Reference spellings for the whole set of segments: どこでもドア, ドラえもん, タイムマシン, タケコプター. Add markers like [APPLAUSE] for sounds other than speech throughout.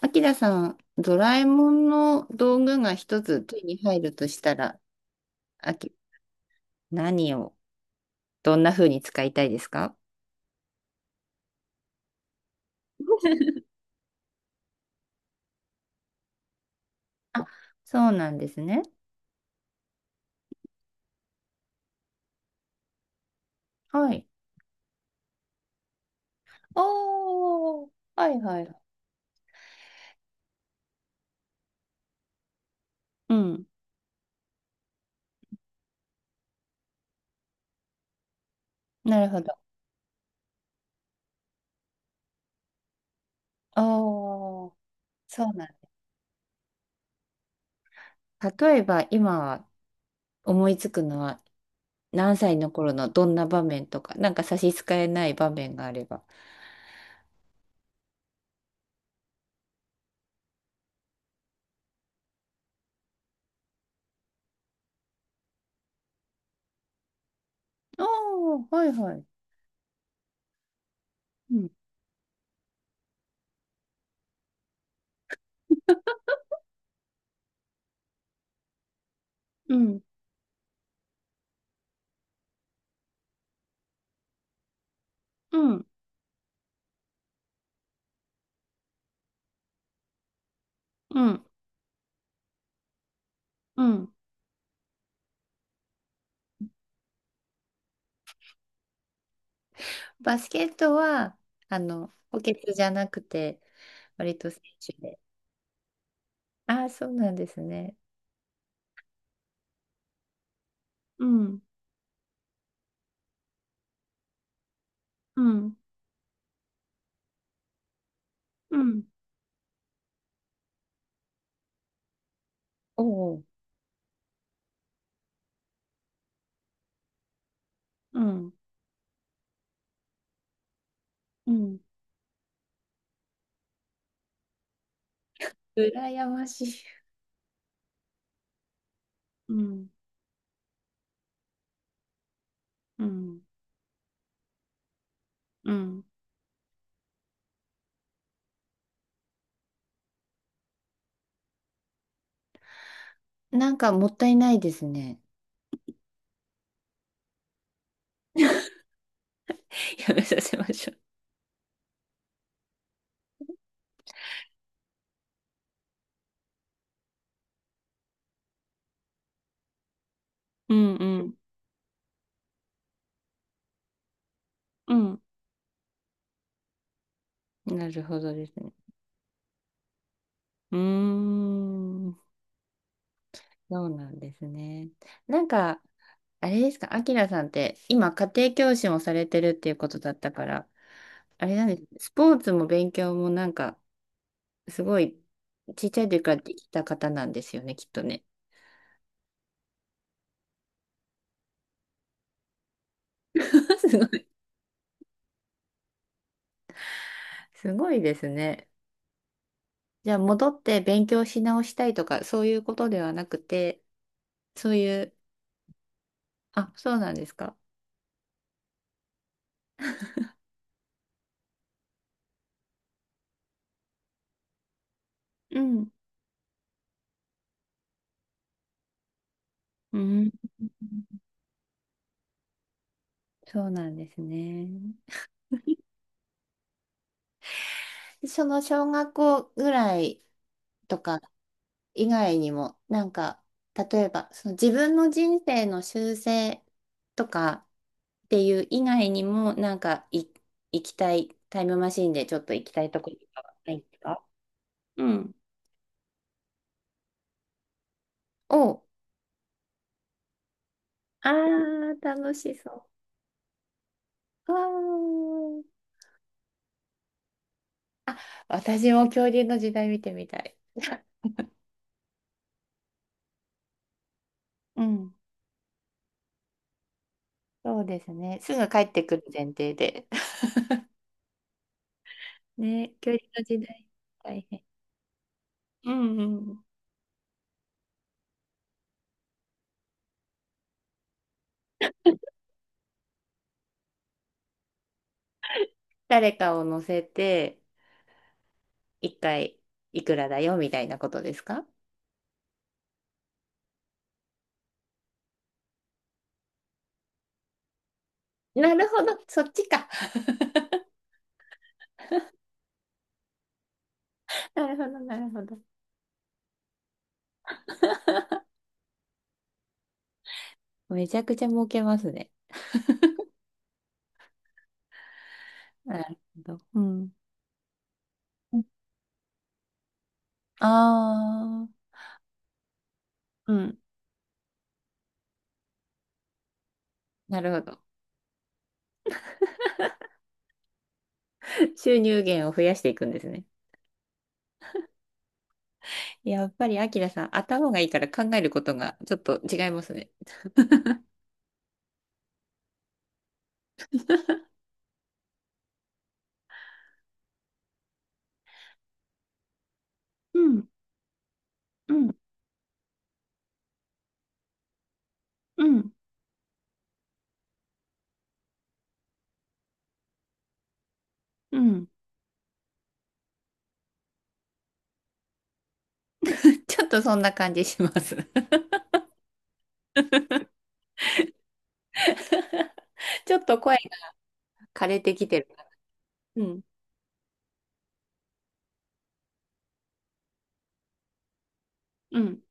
あきらさん、ドラえもんの道具が一つ手に入るとしたら、あき、何を、どんな風に使いたいですか？あ、そうなんですね。はい。おー、はいはい。うん。なるほど。おー、そうなんだ。例えば、今思いつくのは、何歳の頃のどんな場面とか、なんか差し支えない場面があれば。おー、はいはい。うん、うん、うん、うん、うん。バスケットは、補欠じゃなくて、割と選手で。ああ、そうなんですね。うん、うん、うん、おお、うん、うん、羨ましい。うん、うん、うん、なんかもったいないですね。[LAUGHS] やめさせましょう。うん、うん、うん。なるほどですね。うーん、そうなんですね。なんか、あれですか、アキラさんって今家庭教師もされてるっていうことだったから、あれなんです、スポーツも勉強もなんかすごいちっちゃい時からできた方なんですよね、きっとね。[LAUGHS] すごい、すごいですね。じゃあ戻って勉強し直したいとかそういうことではなくて、そういう、あ、そうなんですか。うん。うん。そうなんですね。その小学校ぐらいとか以外にも、なんか、例えば、その自分の人生の修正とかっていう以外にも、なんかい、行きたい、タイムマシンでちょっと行きたいとことかはないですか？うん。お、あー、楽しそう。わーあ、私も恐竜の時代見てみたい。うん。そうですね。すぐ帰ってくる前提で。[LAUGHS] ね、恐竜の時代大変。うんうん。誰かを乗せて、一回いくらだよみたいなことですか？なるほど、そっちか。[LAUGHS] なるほど、なるほど。めちゃくちゃ儲けますね。なるほど。うん。ああ、うん。なるほど。[LAUGHS] 収入源を増やしていくんですね。やっぱり、アキラさん、頭がいいから考えることがちょっと違いますね。うん、うん、うん、うん。[LAUGHS] ちょっとそんな感じします。[LAUGHS] ちょっと声が枯れてきてる。うん、うん。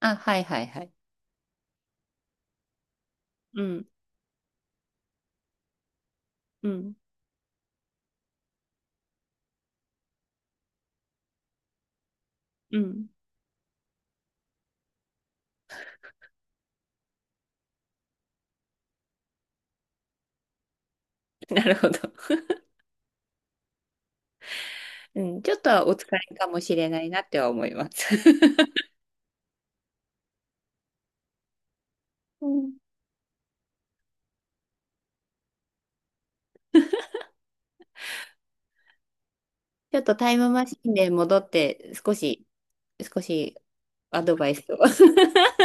あ、はいはいはい。うん、うん、うん。[LAUGHS] なるほど。[LAUGHS] うん、ちょっとはお疲れかもしれないなっては思います。[LAUGHS] うん。ちょっとタイムマシンで戻って、少しアドバイスを。[LAUGHS]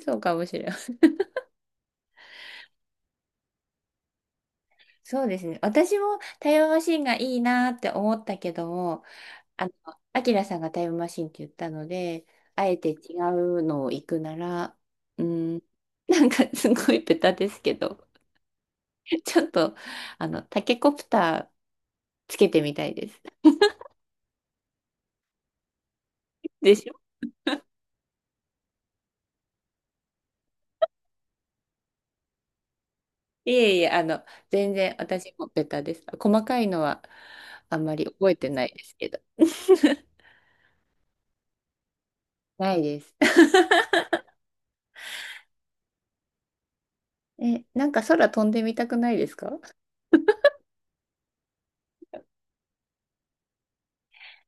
そうかもしれない。そうですね。私もタイムマシンがいいなって思ったけども、あの、アキラさんがタイムマシンって言ったので、あえて違うのを行くなら、うん、[LAUGHS] なんかすごいベタですけど、ちょっと、タケコプターつけてみたいです。[LAUGHS] でしょ？いえいえ、全然私もベタです。細かいのはあんまり覚えてないですけど。ないです。[LAUGHS] え、なんか空飛んでみたくないですか？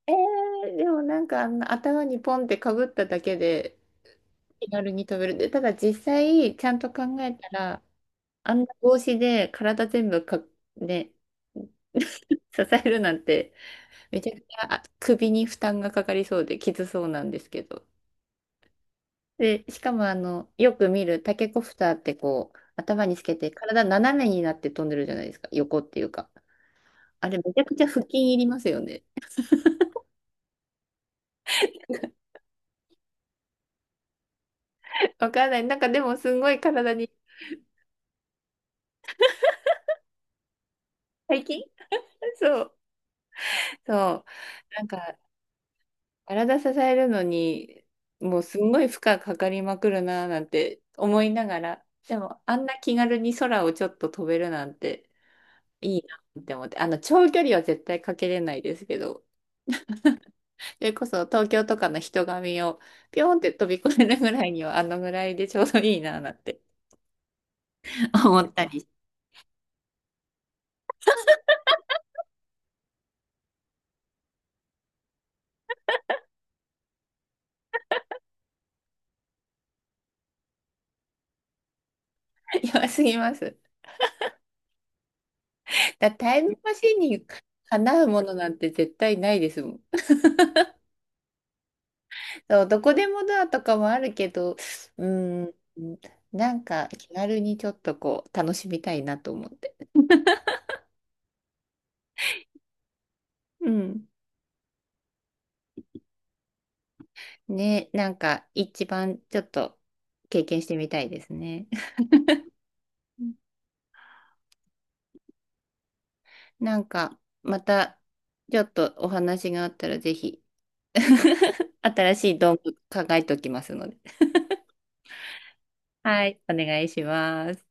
えでもなんかあの頭にポンってかぶっただけで気軽に飛べる。で、ただ実際ちゃんと考えたら、あんな帽子で体全部か、ね、[LAUGHS] 支えるなんてめちゃくちゃあ首に負担がかかりそうできつそうなんですけど。で、しかもよく見るタケコプターってこう、頭につけて体斜めになって飛んでるじゃないですか。横っていうか。あれめちゃくちゃ腹筋いりますよね。[LAUGHS] わからない。なんかでもすごい体に、最近そう。そう。なんか体支えるのに、もうすんごい負荷かかりまくるなーなんて思いながら、でもあんな気軽に空をちょっと飛べるなんていいなって思って、あの長距離は絶対かけれないですけど、それこそ東京とかの人混みをピョンって飛び越えるぐらいにはあのぐらいでちょうどいいななんて [LAUGHS] 思ったり。[LAUGHS] 弱すぎます。だタイムマシンにかなうものなんて絶対ないですもん。そう、どこでもドアとかもあるけど、うーん、なんか気軽にちょっとこう楽しみたいなと思って。うん。ね、なんか一番ちょっと経験してみたいですね。うん。なんかまたちょっとお話があったらぜひ。[LAUGHS] 新しい道具考えておきますので。はい、お願いします。